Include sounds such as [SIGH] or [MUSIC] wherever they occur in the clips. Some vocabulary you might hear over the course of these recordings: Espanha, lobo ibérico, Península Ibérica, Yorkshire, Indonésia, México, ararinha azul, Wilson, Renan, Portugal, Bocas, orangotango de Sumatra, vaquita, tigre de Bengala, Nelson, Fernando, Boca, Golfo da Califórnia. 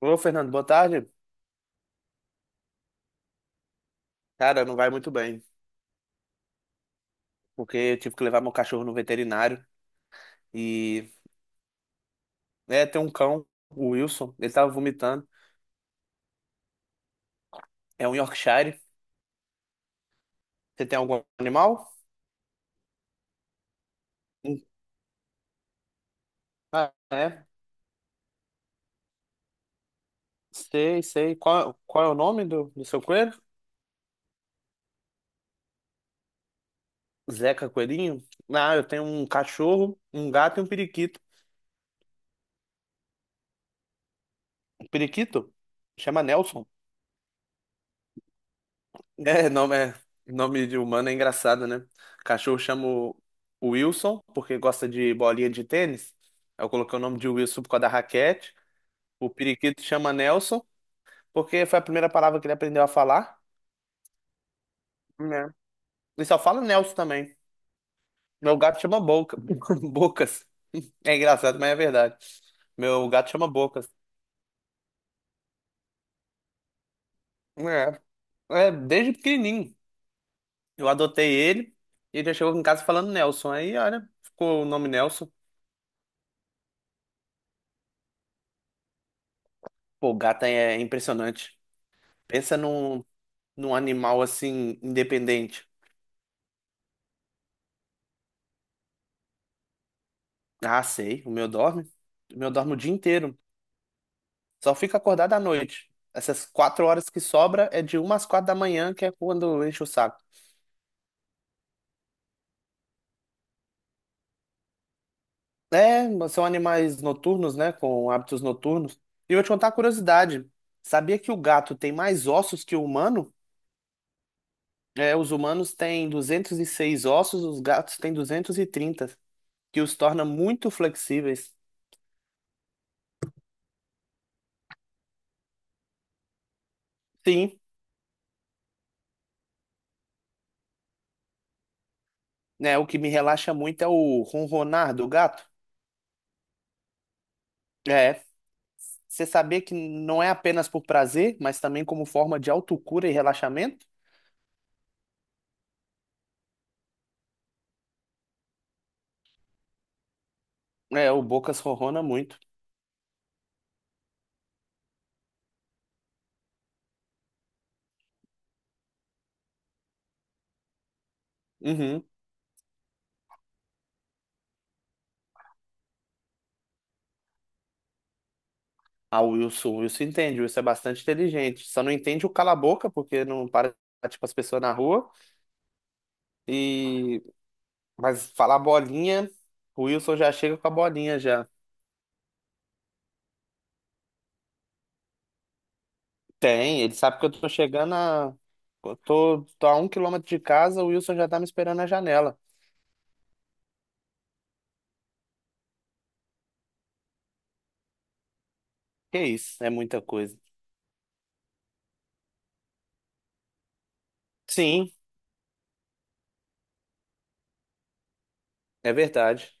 Ô, Fernando, boa tarde. Cara, não vai muito bem, porque eu tive que levar meu cachorro no veterinário e tem um cão, o Wilson, ele tava vomitando. É um Yorkshire. Você tem algum animal? Hum. Ah, é. Sei, sei. Qual é o nome do seu coelho? Zeca Coelhinho? Ah, eu tenho um cachorro, um gato e um periquito. Um periquito? Chama Nelson. É, nome, é, nome de humano é engraçado, né? Cachorro chama o Wilson, porque gosta de bolinha de tênis. Aí eu coloquei o nome de Wilson por causa da raquete. O periquito chama Nelson, porque foi a primeira palavra que ele aprendeu a falar, né? Ele só fala Nelson também. Meu gato chama Boca. [LAUGHS] Bocas. É engraçado, mas é verdade. Meu gato chama Bocas. É, é desde pequenininho. Eu adotei ele e ele já chegou em casa falando Nelson. Aí, olha, ficou o nome Nelson. Pô, o gato é impressionante. Pensa num animal assim, independente. Ah, sei, o meu dorme. O meu dorme o dia inteiro. Só fica acordado à noite. Essas 4 horas que sobra é de 1 às 4 da manhã, que é quando enche o saco. É, são animais noturnos, né? Com hábitos noturnos. E eu vou te contar uma curiosidade. Sabia que o gato tem mais ossos que o humano? É, os humanos têm 206 ossos, os gatos têm 230, que os torna muito flexíveis. Sim, né? O que me relaxa muito é o ronronar do gato. É, você saber que não é apenas por prazer, mas também como forma de autocura e relaxamento. É, o Bocas ronrona muito. Uhum. Ah, o Wilson entende, o Wilson é bastante inteligente. Só não entende o cala a boca, porque não para, tipo, as pessoas na rua. E... Mas falar bolinha, o Wilson já chega com a bolinha já. Tem, ele sabe que eu tô chegando. Eu tô a 1 km de casa, o Wilson já tá me esperando na janela. Que isso, é muita coisa. Sim, é verdade.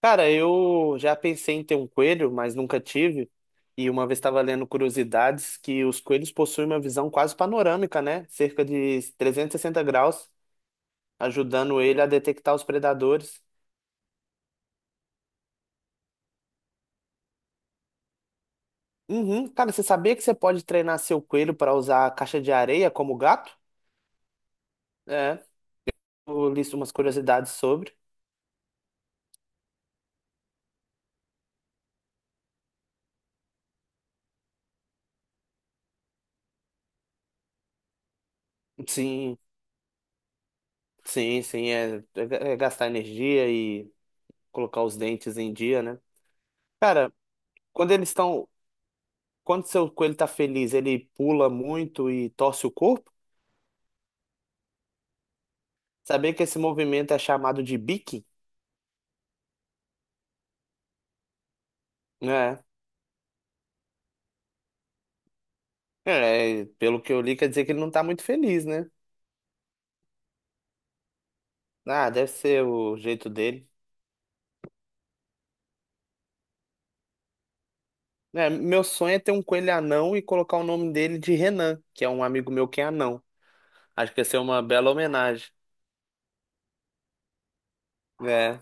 Cara, eu já pensei em ter um coelho, mas nunca tive. E uma vez estava lendo curiosidades que os coelhos possuem uma visão quase panorâmica, né? Cerca de 360 graus, ajudando ele a detectar os predadores. Uhum. Cara, você sabia que você pode treinar seu coelho para usar a caixa de areia como gato? É, eu li umas curiosidades sobre. Sim, sim, sim, é gastar energia e colocar os dentes em dia, né? Cara, quando eles estão Quando seu coelho está feliz, ele pula muito e torce o corpo? Sabia que esse movimento é chamado de beaking? É, é, pelo que eu li, quer dizer que ele não está muito feliz, né? Ah, deve ser o jeito dele. É, meu sonho é ter um coelho anão e colocar o nome dele de Renan, que é um amigo meu que é anão. Acho que ia ser uma bela homenagem. É,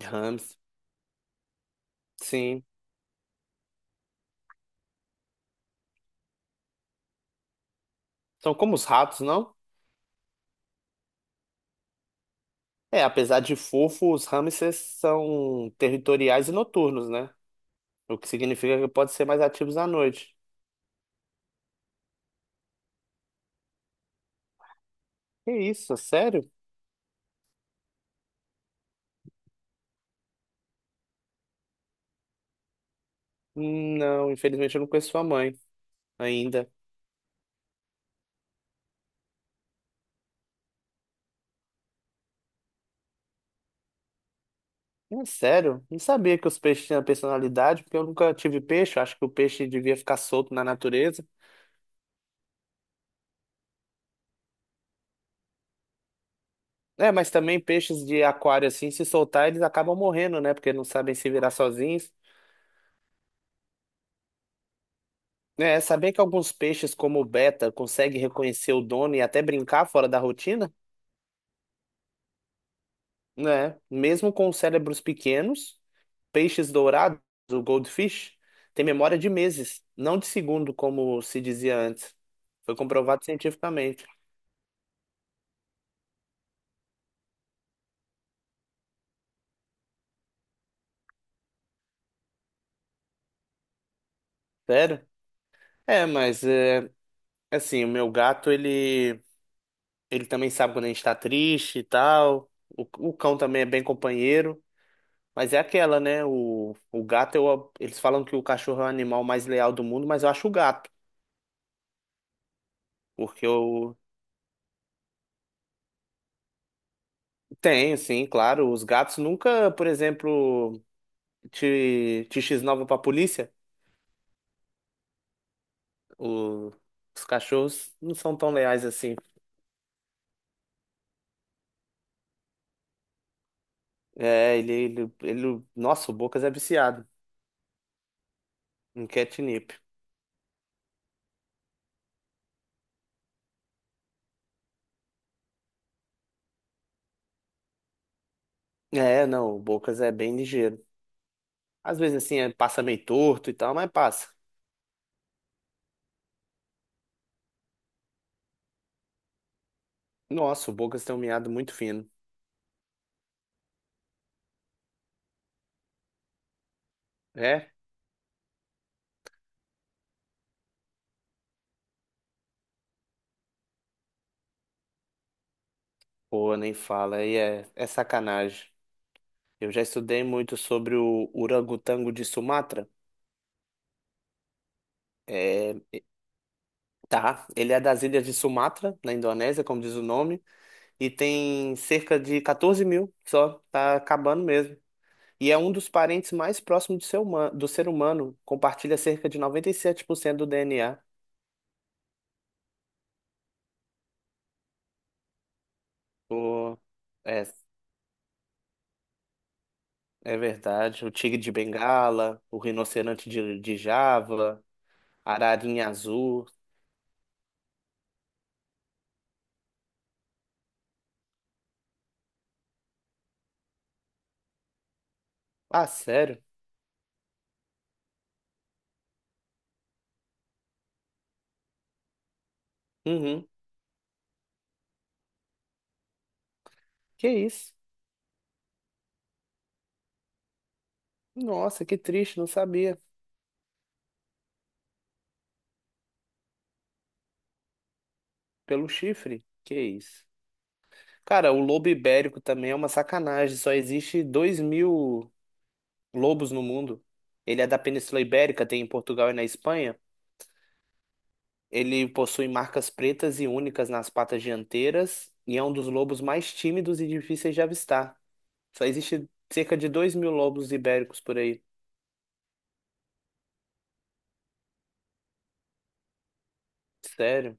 hamster, sim. São como os ratos, não? É, apesar de fofo, os hamsters são territoriais e noturnos, né? O que significa que podem ser mais ativos à noite. Que isso? É sério? Não, infelizmente eu não conheço sua mãe ainda. É sério? Não sabia que os peixes tinham personalidade, porque eu nunca tive peixe. Eu acho que o peixe devia ficar solto na natureza. É, mas também peixes de aquário, assim, se soltar, eles acabam morrendo, né? Porque não sabem se virar sozinhos. É, saber que alguns peixes, como o beta, conseguem reconhecer o dono e até brincar fora da rotina, né? Mesmo com cérebros pequenos. Peixes dourados, o goldfish, tem memória de meses, não de segundo, como se dizia antes. Foi comprovado cientificamente. Sério? É, mas é, assim, o meu gato, ele também sabe quando a gente tá triste e tal. O cão também é bem companheiro. Mas é aquela, né? O gato, eles falam que o cachorro é o animal mais leal do mundo, mas eu acho o gato. Porque eu tenho, sim, claro. Os gatos nunca, por exemplo, te x-nova pra polícia. O- os cachorros não são tão leais assim. É, ele. Nossa, o Bocas é viciado em catnip. É, não, o Bocas é bem ligeiro. Às vezes, assim, passa meio torto e tal, mas passa. Nossa, o Bocas tem um miado muito fino. É? Pô, nem fala. Aí é sacanagem. Eu já estudei muito sobre o orangotango de Sumatra. É, tá. Ele é das ilhas de Sumatra, na Indonésia, como diz o nome, e tem cerca de 14 mil só. Tá acabando mesmo. E é um dos parentes mais próximos do ser humano. Compartilha cerca de 97% do DNA. O, é, é, verdade. O tigre de Bengala, o rinoceronte de Java, a ararinha azul. Ah, sério? Uhum. Que isso? Nossa, que triste, não sabia. Pelo chifre? Que isso? Cara, o lobo ibérico também é uma sacanagem. Só existe 2.000 lobos no mundo. Ele é da Península Ibérica, tem em Portugal e na Espanha. Ele possui marcas pretas e únicas nas patas dianteiras e é um dos lobos mais tímidos e difíceis de avistar. Só existe cerca de 2.000 lobos ibéricos por aí. Sério?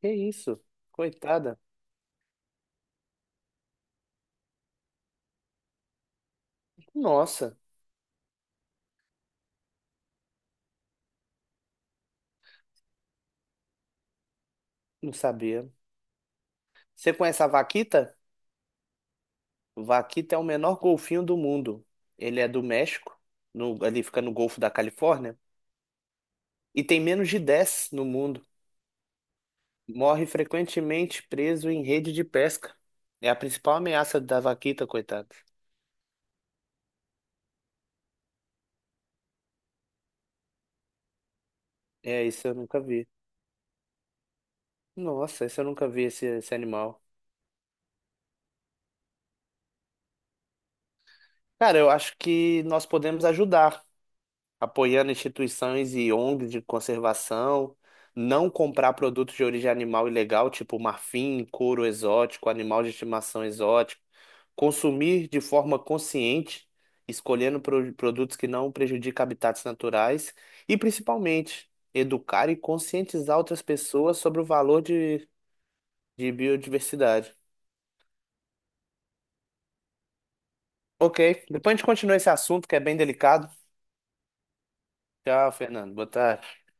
Que isso? Coitada. Nossa, não sabia. Você conhece a vaquita? Vaquita é o menor golfinho do mundo. Ele é do México, ali fica no Golfo da Califórnia, e tem menos de 10 no mundo. Morre frequentemente preso em rede de pesca. É a principal ameaça da vaquita, coitada. É, isso eu nunca vi. Nossa, isso eu nunca vi esse animal. Cara, eu acho que nós podemos ajudar, apoiando instituições e ONGs de conservação, não comprar produtos de origem animal ilegal, tipo marfim, couro exótico, animal de estimação exótico, consumir de forma consciente, escolhendo produtos que não prejudicam habitats naturais e, principalmente, educar e conscientizar outras pessoas sobre o valor de biodiversidade. Ok, depois a gente continua esse assunto que é bem delicado. Tchau, Fernando. Boa tarde.